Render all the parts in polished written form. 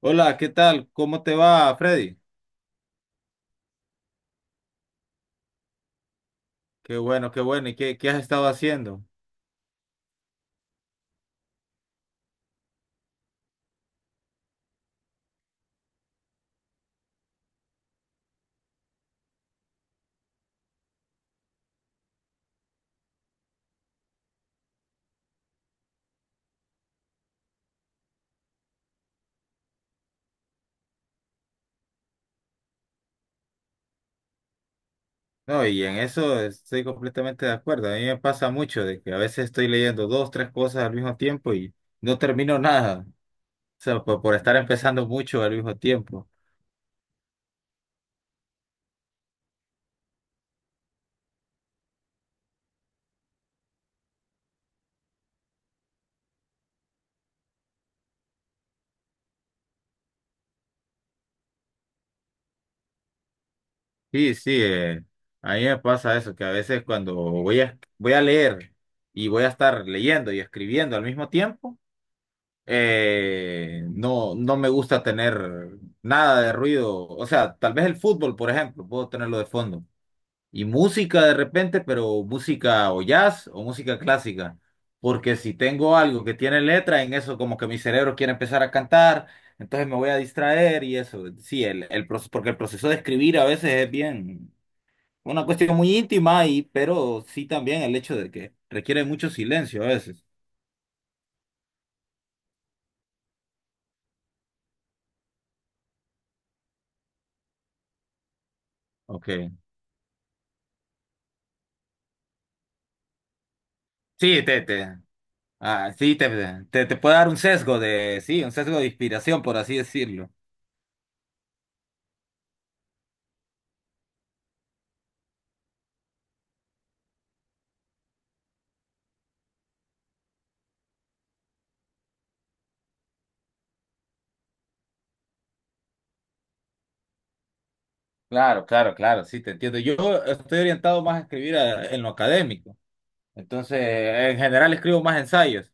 Hola, ¿qué tal? ¿Cómo te va, Freddy? Qué bueno, qué bueno. ¿Y qué has estado haciendo? No, y en eso estoy completamente de acuerdo. A mí me pasa mucho de que a veces estoy leyendo dos, tres cosas al mismo tiempo y no termino nada. O sea, por estar empezando mucho al mismo tiempo. Sí, sí, a mí me pasa eso, que a veces cuando voy a leer y voy a estar leyendo y escribiendo al mismo tiempo. No, no me gusta tener nada de ruido. O sea, tal vez el fútbol, por ejemplo, puedo tenerlo de fondo. Y música de repente, pero música o jazz o música clásica. Porque si tengo algo que tiene letra, en eso como que mi cerebro quiere empezar a cantar, entonces me voy a distraer y eso. Sí, el proceso, porque el proceso de escribir a veces es bien una cuestión muy íntima, y, pero sí también el hecho de que requiere mucho silencio a veces. Ok. Sí, Tete. Ah, sí, te puede dar un sesgo de, sí, un sesgo de inspiración, por así decirlo. Claro, claro, claro, sí, te entiendo. Yo estoy orientado más a escribir en lo académico. Entonces, en general escribo más ensayos.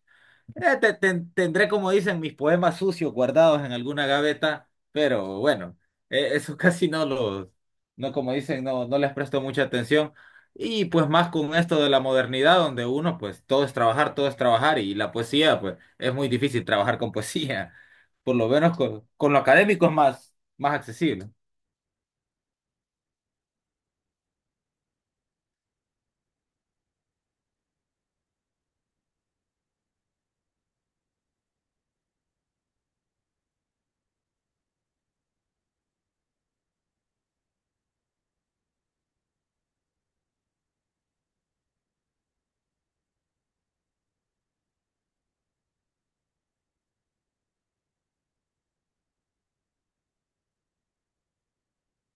Tendré, como dicen, mis poemas sucios guardados en alguna gaveta, pero bueno, eso casi no los, no como dicen, no, no les presto mucha atención. Y pues más con esto de la modernidad, donde uno, pues todo es trabajar, y la poesía, pues es muy difícil trabajar con poesía. Por lo menos con lo académico es más, más accesible.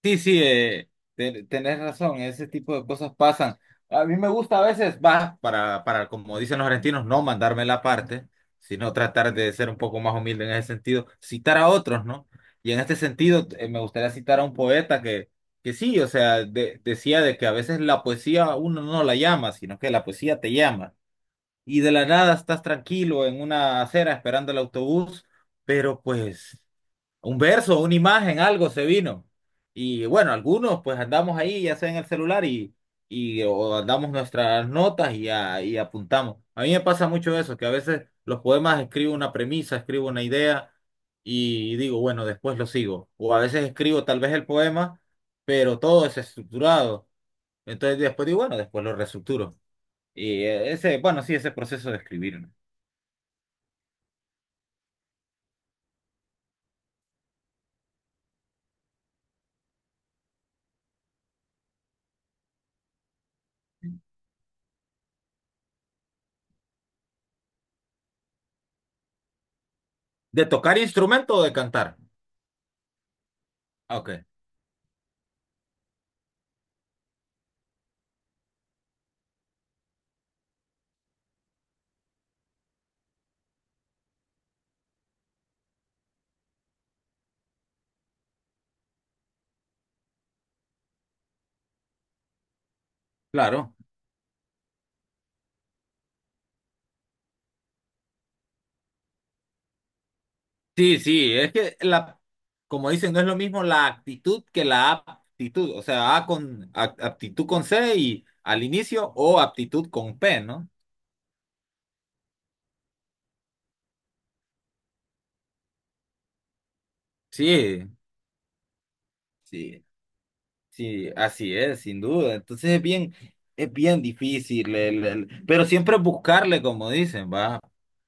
Sí, sí, tenés razón, ese tipo de cosas pasan. A mí me gusta a veces, va, como dicen los argentinos, no mandarme la parte, sino tratar de ser un poco más humilde en ese sentido, citar a otros, ¿no? Y en este sentido, me gustaría citar a un poeta que sí, o sea, decía de que a veces la poesía uno no la llama, sino que la poesía te llama. Y de la nada estás tranquilo en una acera esperando el autobús, pero pues un verso, una imagen, algo se vino. Y bueno, algunos pues andamos ahí, ya sea en el celular y o andamos nuestras notas y, y apuntamos. A mí me pasa mucho eso, que a veces los poemas escribo una premisa, escribo una idea y digo, bueno, después lo sigo. O a veces escribo tal vez el poema, pero todo es estructurado. Entonces después digo, bueno, después lo reestructuro. Y ese, bueno, sí, ese proceso de escribir, ¿no? ¿De tocar instrumento o de cantar? Ah, ok, claro. Sí, sí, es que la, como dicen, no es lo mismo la actitud que la aptitud, o sea, A con aptitud con C y al inicio o aptitud con P, ¿no? Sí. Sí. Sí, así es, sin duda. Es bien difícil, pero siempre buscarle, como dicen, va.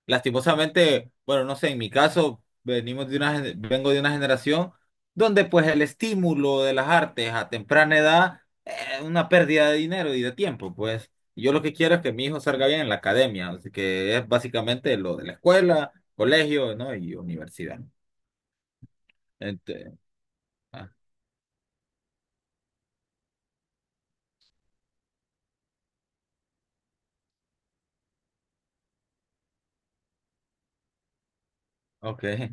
Lastimosamente, bueno, no sé, en mi caso, venimos de una, gen- vengo de una generación donde pues el estímulo de las artes a temprana edad es una pérdida de dinero y de tiempo, pues. Yo lo que quiero es que mi hijo salga bien en la academia, así que es básicamente lo de la escuela, colegio, ¿no? Y universidad. Ente- ah, ok.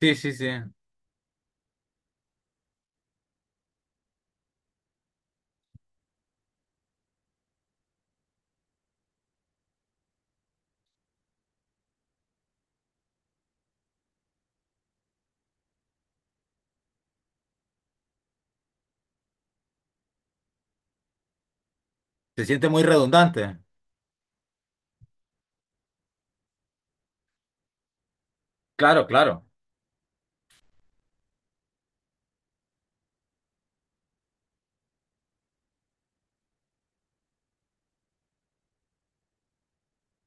Sí, sí, sí. Se siente muy redundante. Claro, claro.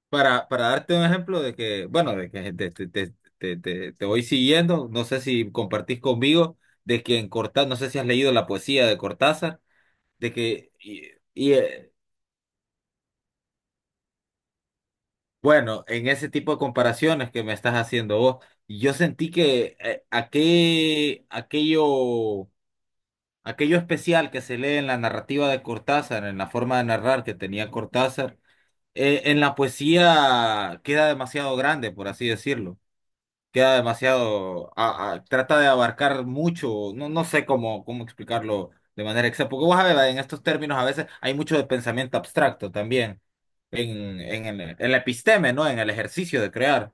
Para darte un ejemplo de que, bueno, de que te voy siguiendo, no sé si compartís conmigo, de que en Cortázar, no sé si has leído la poesía de Cortázar, de que, y, bueno, en ese tipo de comparaciones que me estás haciendo vos, yo sentí que aquello, aquello especial que se lee en la narrativa de Cortázar, en la forma de narrar que tenía Cortázar, en la poesía queda demasiado grande, por así decirlo, queda demasiado, trata de abarcar mucho, no, no sé cómo, cómo explicarlo de manera exacta, porque vos sabés, en estos términos a veces hay mucho de pensamiento abstracto también, en la episteme, ¿no? En el ejercicio de crear.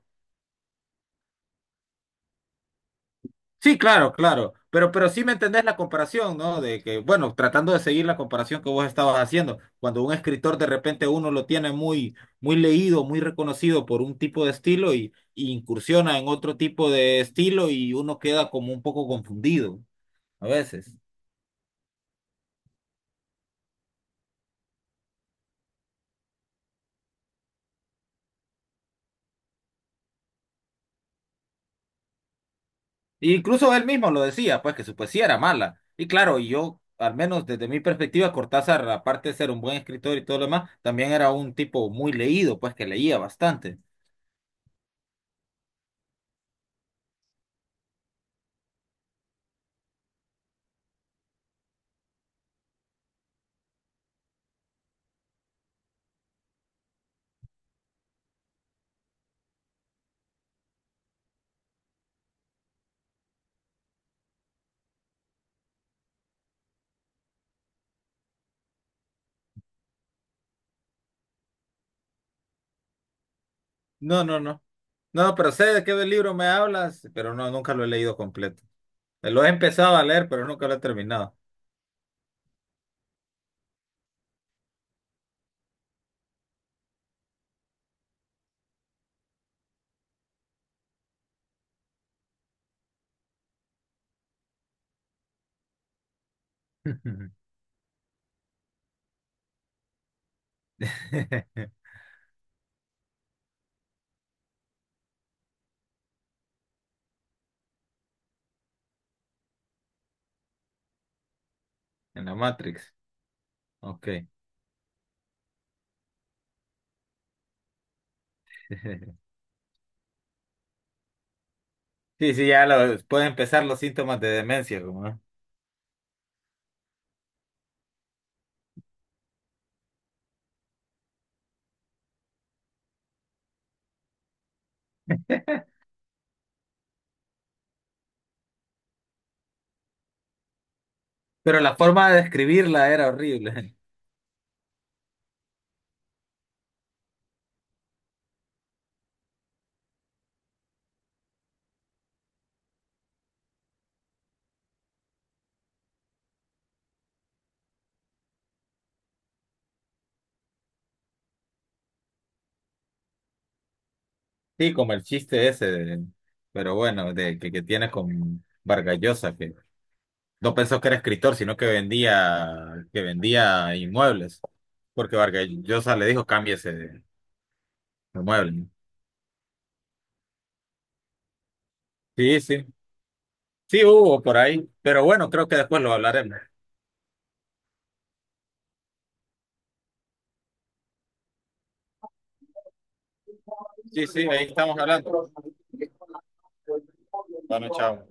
Sí, claro, claro, pero sí me entendés la comparación, ¿no? De que, bueno, tratando de seguir la comparación que vos estabas haciendo, cuando un escritor de repente uno lo tiene muy, muy leído, muy reconocido por un tipo de estilo y incursiona en otro tipo de estilo y uno queda como un poco confundido a veces. E incluso él mismo lo decía, pues que su poesía era mala. Y claro, y yo, al menos desde mi perspectiva, Cortázar, aparte de ser un buen escritor y todo lo demás, también era un tipo muy leído, pues que leía bastante. No, no, no. No, pero sé de qué libro me hablas, pero no, nunca lo he leído completo. Lo he empezado a leer, pero nunca lo he terminado. En la Matrix. Ok. Sí, sí, ya lo, pueden empezar los síntomas de demencia, como, ¿no? Pero la forma de describirla era horrible. Sí, como el chiste ese, pero bueno, de que tiene con Vargas Llosa, que no pensó que era escritor, sino que vendía inmuebles, porque Vargas Llosa le dijo, cámbiese de mueble, ¿no? Sí, sí, sí hubo por ahí, pero bueno, creo que después lo hablaremos. Sí, sí, ahí estamos hablando. Bueno, chao.